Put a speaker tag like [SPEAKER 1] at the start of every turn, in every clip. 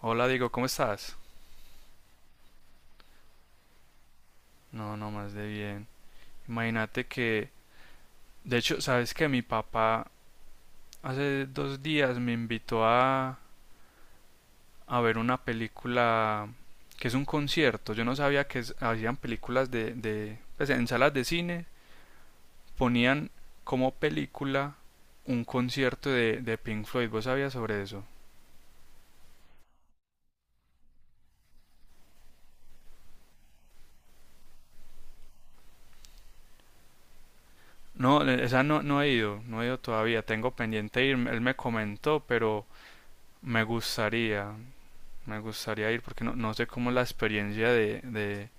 [SPEAKER 1] Hola, digo, ¿cómo estás? No, no más de bien. Imagínate que, de hecho, sabes que mi papá hace dos días me invitó a ver una película que es un concierto. Yo no sabía que hacían películas de, pues en salas de cine ponían como película un concierto de Pink Floyd. ¿Vos sabías sobre eso? No, esa no, no he ido, no he ido todavía. Tengo pendiente ir. Él me comentó, pero me gustaría. Me gustaría ir porque no, no sé cómo la experiencia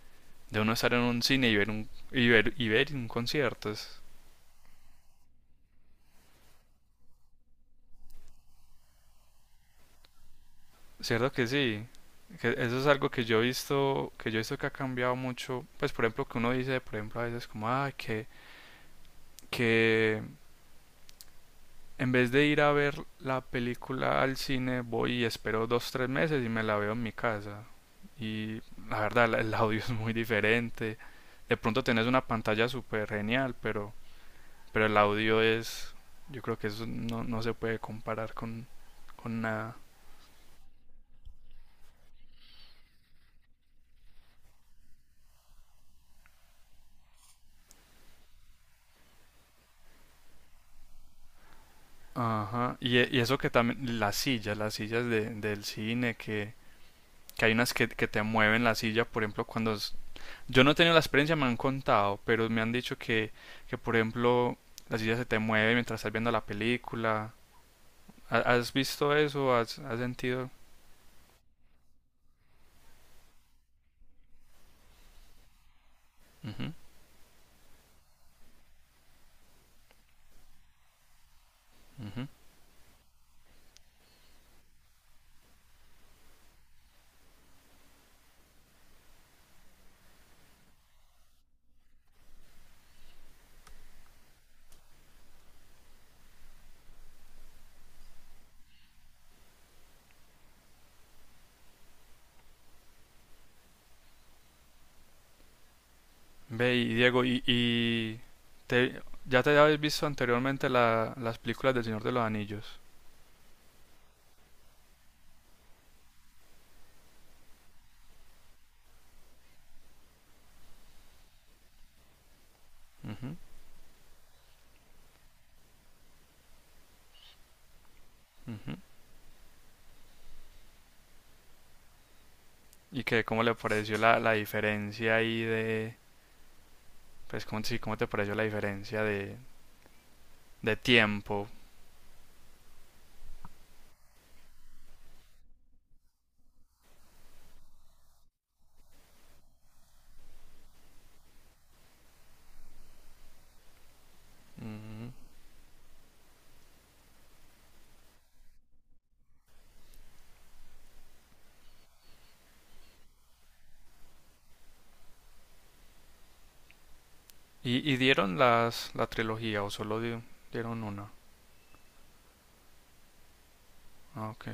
[SPEAKER 1] de uno estar en un cine y ver y ver un concierto. Es cierto que sí. Que eso es algo que que yo he visto que ha cambiado mucho. Pues por ejemplo que uno dice, por ejemplo a veces como, ah, que en vez de ir a ver la película al cine, voy y espero dos, tres meses y me la veo en mi casa. Y la verdad, el audio es muy diferente. De pronto tenés una pantalla súper genial, pero el audio es, yo creo que eso no, no se puede comparar con nada. Ajá. Y eso que también, las sillas del cine, que hay unas que te mueven la silla, por ejemplo, cuando... Yo no he tenido la experiencia, me han contado, pero me han dicho que por ejemplo, la silla se te mueve mientras estás viendo la película. ¿Has visto eso? ¿Has, has sentido? Ujú, ujú. Ve, y Diego, y ya te habías visto anteriormente las películas del Señor de los Anillos. Ujú, ujú. ¿Y qué, cómo le pareció la, la diferencia ahí de, pues cómo, sí, cómo te pareció la diferencia de tiempo? Ujú. ¿Y dieron las, la trilogía o solo dieron una? Ah, ok.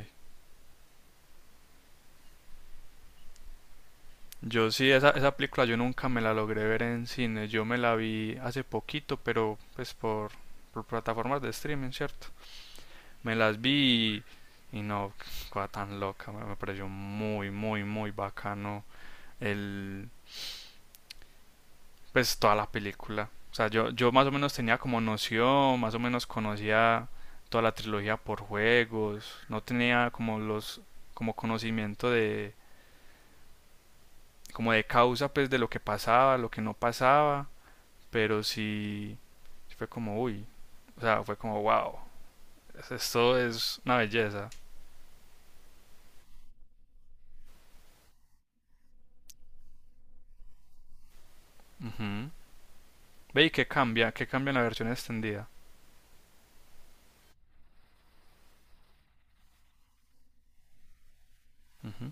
[SPEAKER 1] Yo sí, esa película yo nunca me la logré ver en cine, yo me la vi hace poquito, pero pues por plataformas de streaming, ¿cierto? Me las vi y no, cosa tan loca, me pareció muy, muy, muy bacano el pues toda la película. O sea, yo más o menos tenía como noción, más o menos conocía toda la trilogía por juegos, no tenía como los, como conocimiento de, como de causa pues de lo que pasaba, lo que no pasaba, pero sí, sí fue como, uy, o sea, fue como, wow, esto es una belleza. Ujú. Ve y qué cambia en la versión extendida. Ujú,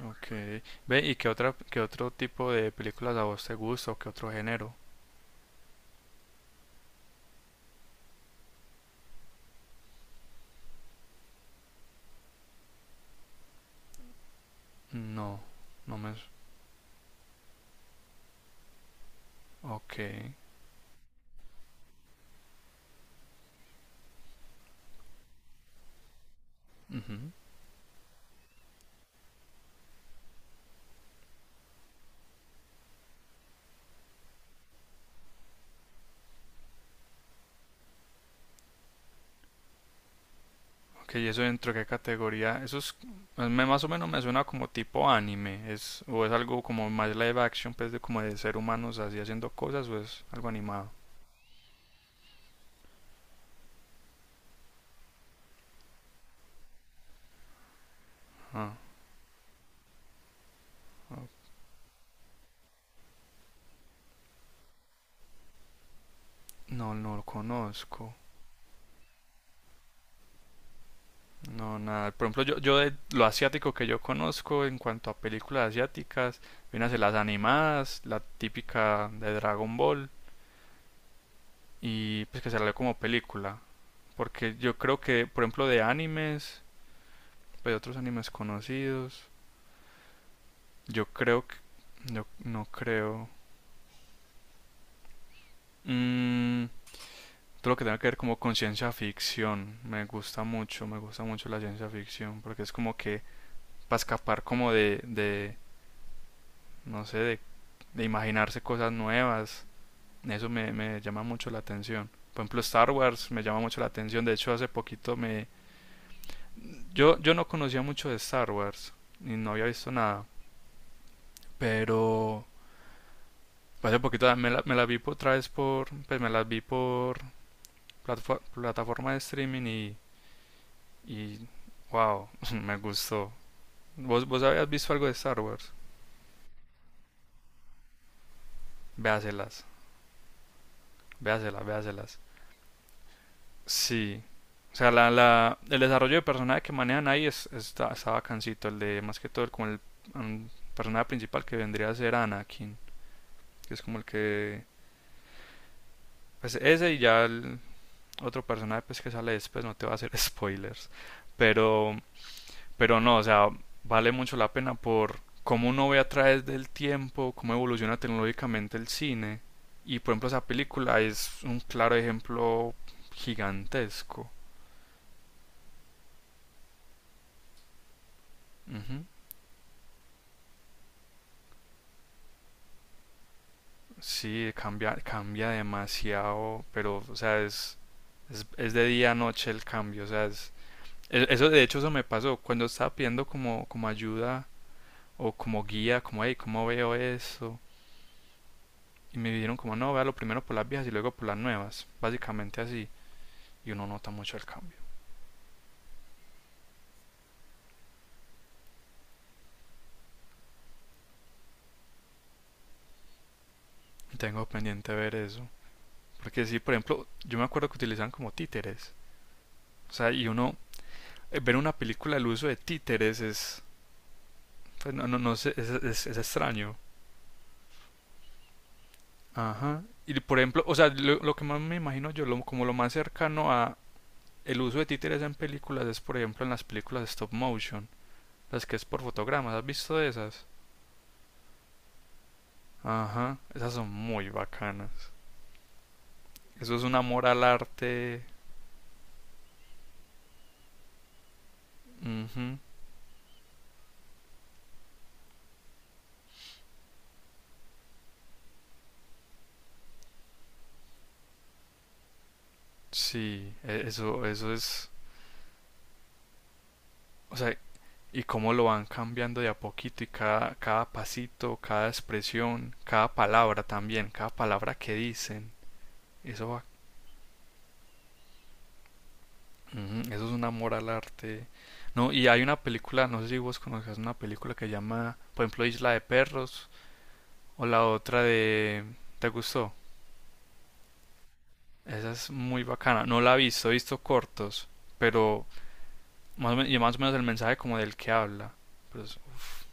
[SPEAKER 1] ok. Ve y qué otra, qué otro tipo de películas a vos te gusta o qué otro género. No, no me Ok. Ujú. Ok, ¿y eso dentro de qué categoría? Eso es, pues, más o menos me suena como tipo anime, es, o es algo como más live action, pues de como de ser humanos así haciendo cosas, o es algo animado. Ah, ah, no, no lo conozco. No, nada. Por ejemplo, yo de lo asiático que yo conozco en cuanto a películas asiáticas, vienen a ser las animadas, la típica de Dragon Ball, y pues que sale como película. Porque yo creo que, por ejemplo, de animes, pues de otros animes conocidos. Yo creo que... Yo no creo... Mm, todo lo que tenga que ver como con ciencia ficción. Me gusta mucho la ciencia ficción. Porque es como que para escapar como de no sé, de imaginarse cosas nuevas. Me llama mucho la atención. Por ejemplo, Star Wars me llama mucho la atención. De hecho, hace poquito me... yo no conocía mucho de Star Wars. Y no había visto nada. Pero... Hace poquito me la vi otra vez por... Pues me las vi por plataforma de streaming y wow, me gustó. ¿Vos habías visto algo de Star Wars? Véaselas, véaselas, véaselas. Sí. O sea, el desarrollo de personaje que manejan ahí es, está, está bacancito. El de, más que todo, el, como el mm, personaje principal que vendría a ser Anakin. Que es como el que... Pues ese y ya el otro personaje pues, que sale después. No te va a hacer spoilers. Pero Pero no, o sea, vale mucho la pena por cómo uno ve a través del tiempo, cómo evoluciona tecnológicamente el cine. Y por ejemplo, esa película es un claro ejemplo gigantesco. Ujú. Sí, cambia, cambia demasiado, pero, o sea, es, es de día a noche el cambio, o sea, es, eso de hecho eso me pasó cuando estaba pidiendo como, como ayuda o como guía, como, hey, ¿cómo veo eso? Y me dijeron como, no, vea lo primero por las viejas y luego por las nuevas, básicamente así. Y uno nota mucho el cambio. Tengo pendiente ver eso. Porque sí, por ejemplo, yo me acuerdo que utilizaban como títeres. O sea, y uno ver una película el uso de títeres es pues, no, no, no sé, es, es extraño. Ajá. Y por ejemplo, o sea, lo que más me imagino yo, como lo más cercano a el uso de títeres en películas es, por ejemplo, en las películas de stop motion, las que es por fotogramas. ¿Has visto de esas? Ajá, esas son muy bacanas. Eso es un amor al arte. Ujú. Sí, eso, eso es. O sea, y cómo lo van cambiando de a poquito y cada, cada pasito, cada expresión, cada palabra también, cada palabra que dicen. Eso va- ujú, eso es un amor al arte. No, y hay una película, no sé si vos conozcas una película que llama, por ejemplo, Isla de Perros o la otra de ¿te gustó? Esa es muy bacana. No la he visto cortos, pero y más o menos el mensaje como del que habla. Uf,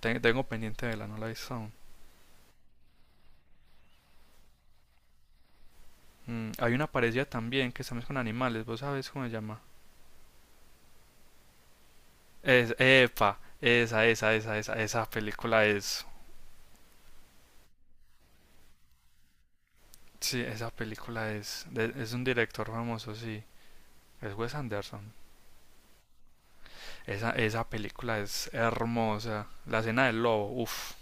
[SPEAKER 1] tengo pendiente de verla, no la he visto aún. Mm, hay una parecida también que estamos con animales, ¿vos sabes cómo se llama? Es, epa, esa película es. Sí, esa película es. Es un director famoso, sí. Es Wes Anderson. Esa película es hermosa. La escena del lobo, uff.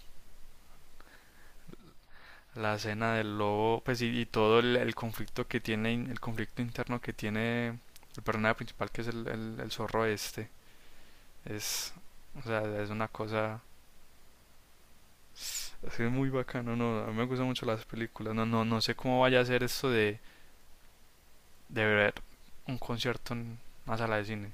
[SPEAKER 1] La escena del lobo, pues y todo el conflicto que tiene, el conflicto interno que tiene el personaje principal, que es el zorro este. Es, o sea, es una cosa. Sí, es muy bacano, no, a mí me gustan mucho las películas. No, no, no sé cómo vaya a ser esto de ver un concierto en una sala de cine.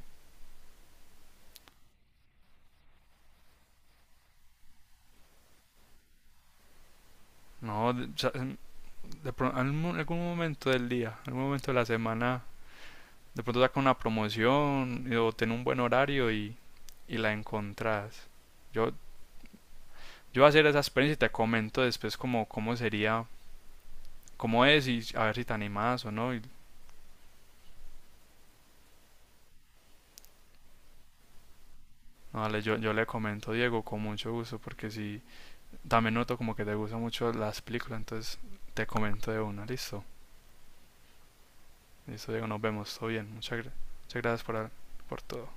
[SPEAKER 1] No, de, o sea, en algún, algún momento del día, algún momento de la semana, de pronto sacan una promoción o tienen un buen horario y la encontrás. Yo, yo voy a hacer esa experiencia y te comento después cómo, cómo sería, cómo es y a ver si te animás o no. Y, no, dale, yo le comento a Diego con mucho gusto porque sí también noto como que te gustan mucho las películas, entonces te comento de una, listo. Listo, Diego, nos vemos, todo bien. Muchas, muchas gracias por todo.